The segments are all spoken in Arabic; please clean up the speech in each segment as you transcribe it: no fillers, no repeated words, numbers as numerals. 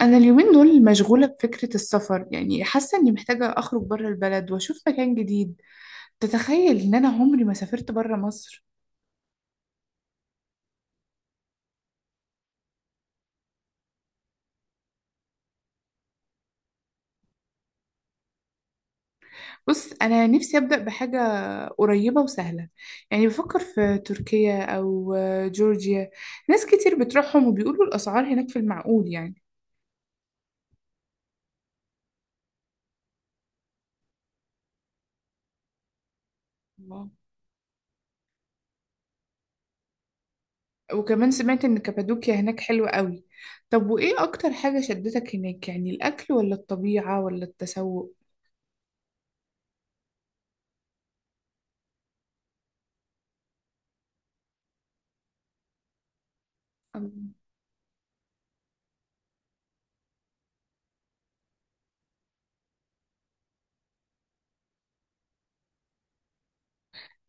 أنا اليومين دول مشغولة بفكرة السفر، يعني حاسة إني محتاجة أخرج بره البلد وأشوف مكان جديد. تتخيل إن أنا عمري ما سافرت بره مصر. بص أنا نفسي أبدأ بحاجة قريبة وسهلة، يعني بفكر في تركيا أو جورجيا. ناس كتير بتروحهم وبيقولوا الأسعار هناك في المعقول يعني. الله! وكمان سمعت إن كابادوكيا هناك حلوة قوي. طب وإيه أكتر حاجة شدتك هناك، يعني الأكل ولا الطبيعة ولا التسوق؟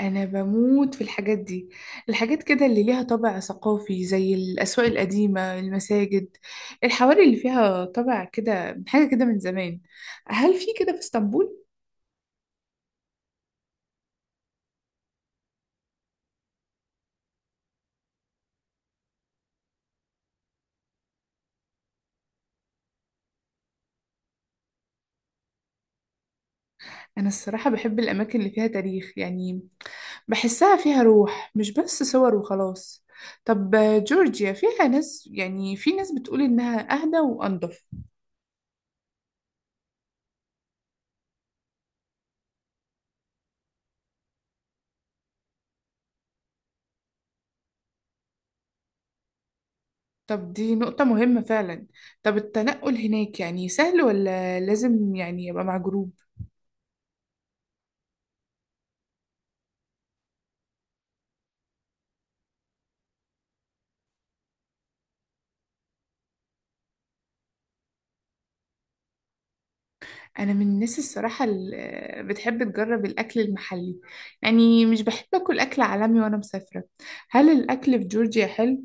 أنا بموت في الحاجات دي، الحاجات كده اللي ليها طابع ثقافي زي الأسواق القديمة، المساجد، الحواري اللي فيها طابع كده، حاجة كده من زمان. هل في كده في اسطنبول؟ أنا الصراحة بحب الأماكن اللي فيها تاريخ، يعني بحسها فيها روح مش بس صور وخلاص. طب جورجيا فيها ناس، يعني في ناس بتقول إنها أهدى وأنضف. طب دي نقطة مهمة فعلا. طب التنقل هناك يعني سهل ولا لازم يعني يبقى مع جروب؟ انا من الناس الصراحه اللي بتحب تجرب الاكل المحلي، يعني مش بحب اكل عالمي وانا مسافره. هل الاكل في جورجيا حلو؟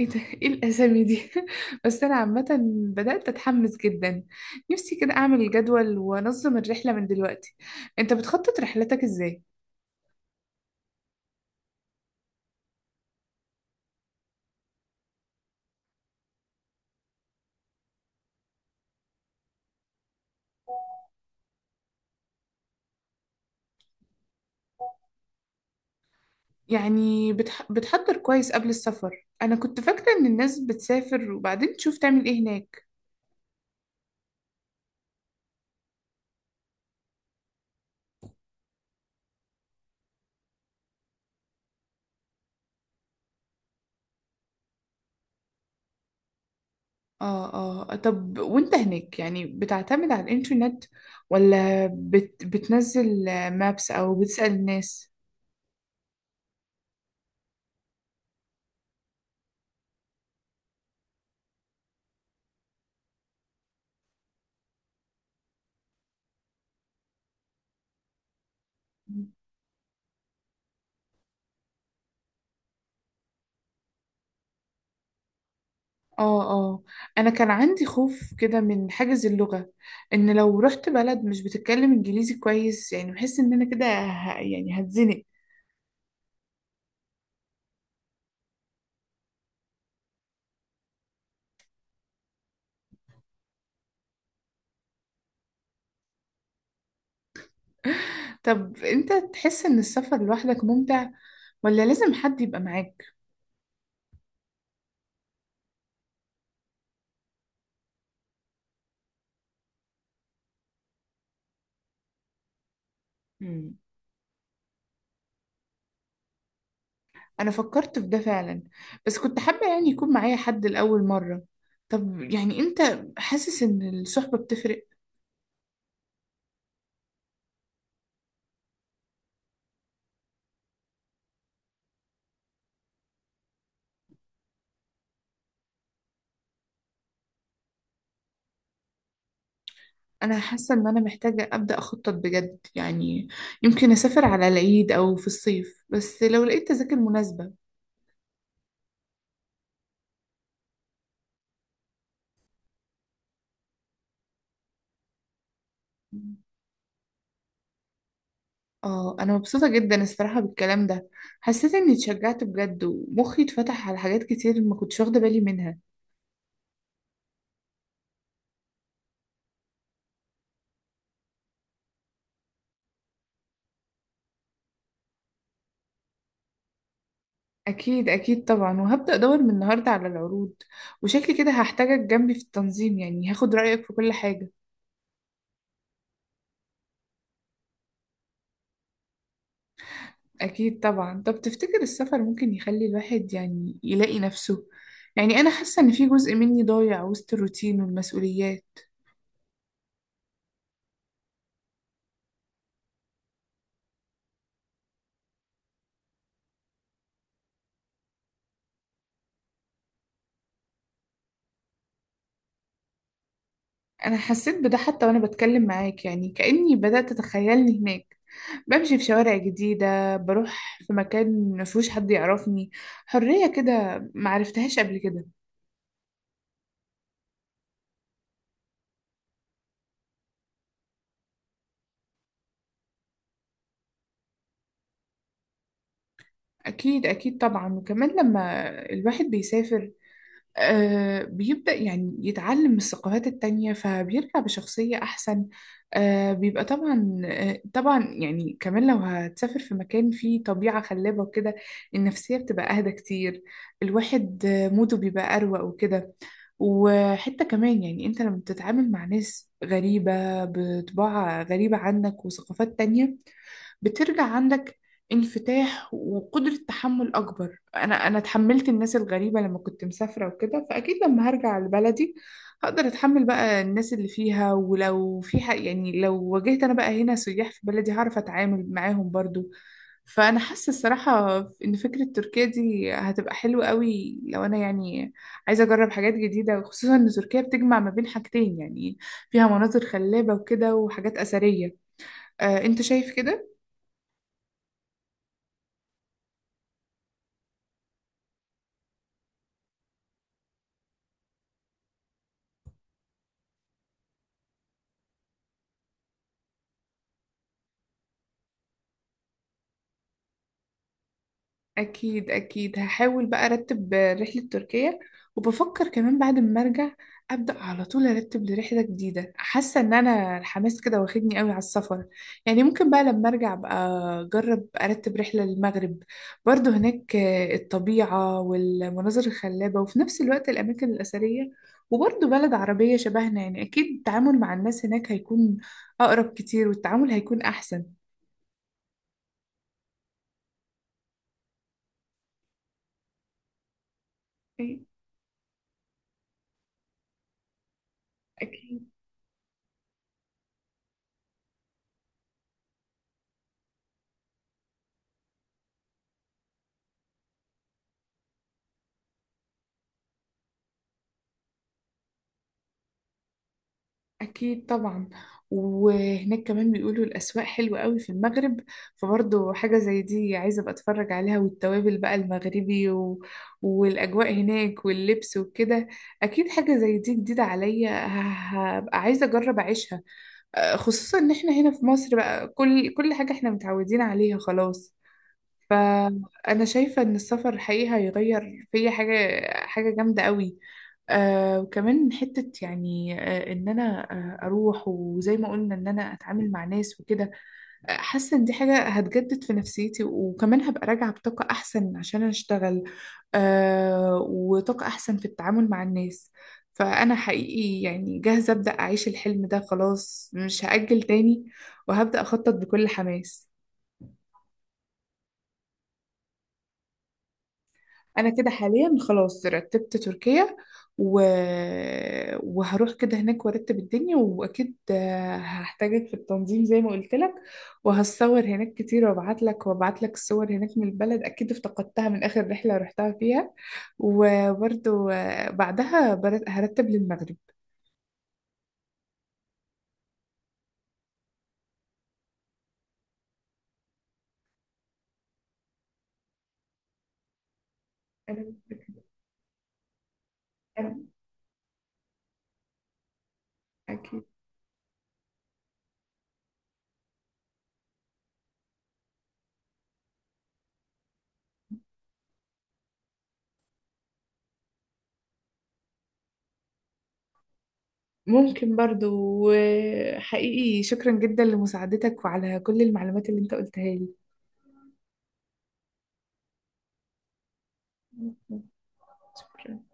ايه ده؟ ايه الاسامي دي؟ بس انا عامه بدات اتحمس جدا. نفسي كده اعمل جدول وانظم الرحله من دلوقتي. انت بتخطط رحلتك ازاي؟ يعني بتحضر كويس قبل السفر؟ انا كنت فاكره ان الناس بتسافر وبعدين تشوف تعمل ايه هناك. اه، اه. طب وانت هناك يعني بتعتمد على الانترنت ولا بتنزل مابس او بتسأل الناس؟ اه، اه. انا كان عندي خوف كده من حاجز اللغة، ان لو رحت بلد مش بتتكلم انجليزي كويس، يعني بحس ان انا كده يعني هتزنق. طب انت تحس ان السفر لوحدك ممتع ولا لازم حد يبقى معاك؟ انا فكرت في ده فعلا، بس كنت حابة يعني يكون معايا حد لأول مرة. طب يعني انت حاسس ان الصحبة بتفرق؟ انا حاسة ان انا محتاجة ابدأ اخطط بجد يعني. يمكن اسافر على العيد او في الصيف بس لو لقيت تذاكر مناسبة. اه، انا مبسوطة جدا الصراحة بالكلام ده. حسيت اني اتشجعت بجد ومخي اتفتح على حاجات كتير ما كنتش واخدة بالي منها. اكيد اكيد طبعا، وهبدأ ادور من النهاردة على العروض. وشكلي كده هحتاجك جنبي في التنظيم، يعني هاخد رأيك في كل حاجة. أكيد طبعا. طب تفتكر السفر ممكن يخلي الواحد يعني يلاقي نفسه؟ يعني أنا حاسة إن في جزء مني ضايع وسط الروتين والمسؤوليات. أنا حسيت بده حتى وأنا بتكلم معاك، يعني كأني بدأت أتخيلني هناك، بمشي في شوارع جديدة، بروح في مكان مفيهوش حد يعرفني. حرية كده معرفتهاش قبل كده. أكيد أكيد طبعا. وكمان لما الواحد بيسافر بيبدأ يعني يتعلم من الثقافات التانية فبيرجع بشخصية أحسن. بيبقى طبعا، طبعا يعني كمان لو هتسافر في مكان فيه طبيعة خلابة وكده، النفسية بتبقى أهدى كتير. الواحد موده بيبقى أروق وكده. وحتى كمان يعني أنت لما بتتعامل مع ناس غريبة بطباع غريبة عنك وثقافات تانية، بترجع عندك انفتاح وقدرة تحمل أكبر. أنا تحملت الناس الغريبة لما كنت مسافرة وكده، فأكيد لما هرجع لبلدي هقدر أتحمل بقى الناس اللي فيها، ولو في حق يعني لو واجهت أنا بقى هنا سياح في بلدي، هعرف أتعامل معاهم برضو. فأنا حاسة الصراحة إن فكرة تركيا دي هتبقى حلوة قوي، لو أنا يعني عايزة أجرب حاجات جديدة، خصوصا إن تركيا بتجمع ما بين حاجتين، يعني فيها مناظر خلابة وكده وحاجات أثرية. أنت شايف كده؟ أكيد أكيد، هحاول بقى أرتب رحلة تركيا. وبفكر كمان بعد ما أرجع أبدأ على طول أرتب لرحلة جديدة، حاسة إن أنا الحماس كده واخدني قوي على السفر. يعني ممكن بقى لما أرجع بقى أجرب أرتب رحلة للمغرب، برضو هناك الطبيعة والمناظر الخلابة وفي نفس الوقت الأماكن الأثرية. وبرضو بلد عربية شبهنا، يعني أكيد التعامل مع الناس هناك هيكون أقرب كتير والتعامل هيكون أحسن. أكيد أكيد طبعا. وهناك كمان بيقولوا الأسواق حلوة قوي في المغرب، فبرضه حاجة زي دي عايزة أبقى أتفرج عليها، والتوابل بقى المغربي والأجواء هناك واللبس وكده. أكيد حاجة زي دي جديدة عليا، هبقى عايزة أجرب أعيشها. خصوصا إن إحنا هنا في مصر بقى كل حاجة إحنا متعودين عليها خلاص. فأنا شايفة إن السفر الحقيقي هيغير فيا حاجة. حاجة جامدة قوي. وكمان حتة يعني إن أنا أروح وزي ما قلنا إن أنا أتعامل مع ناس وكده. حاسة إن دي حاجة هتجدد في نفسيتي وكمان هبقى راجعة بطاقة أحسن عشان أشتغل. وطاقة أحسن في التعامل مع الناس. فأنا حقيقي يعني جاهزة أبدأ أعيش الحلم ده خلاص، مش هأجل تاني، وهبدأ أخطط بكل حماس. انا كده حاليا خلاص رتبت تركيا و... وهروح كده هناك وارتب الدنيا، واكيد هحتاجك في التنظيم زي ما قلت لك. وهصور هناك كتير وابعت لك الصور هناك من البلد، اكيد افتقدتها من اخر رحلة رحتها فيها. وبرضو بعدها هرتب للمغرب. أنا أنا أكيد، ممكن برضو. وحقيقي شكرا جدا لمساعدتك وعلى كل المعلومات اللي انت قلتها لي. شكرا.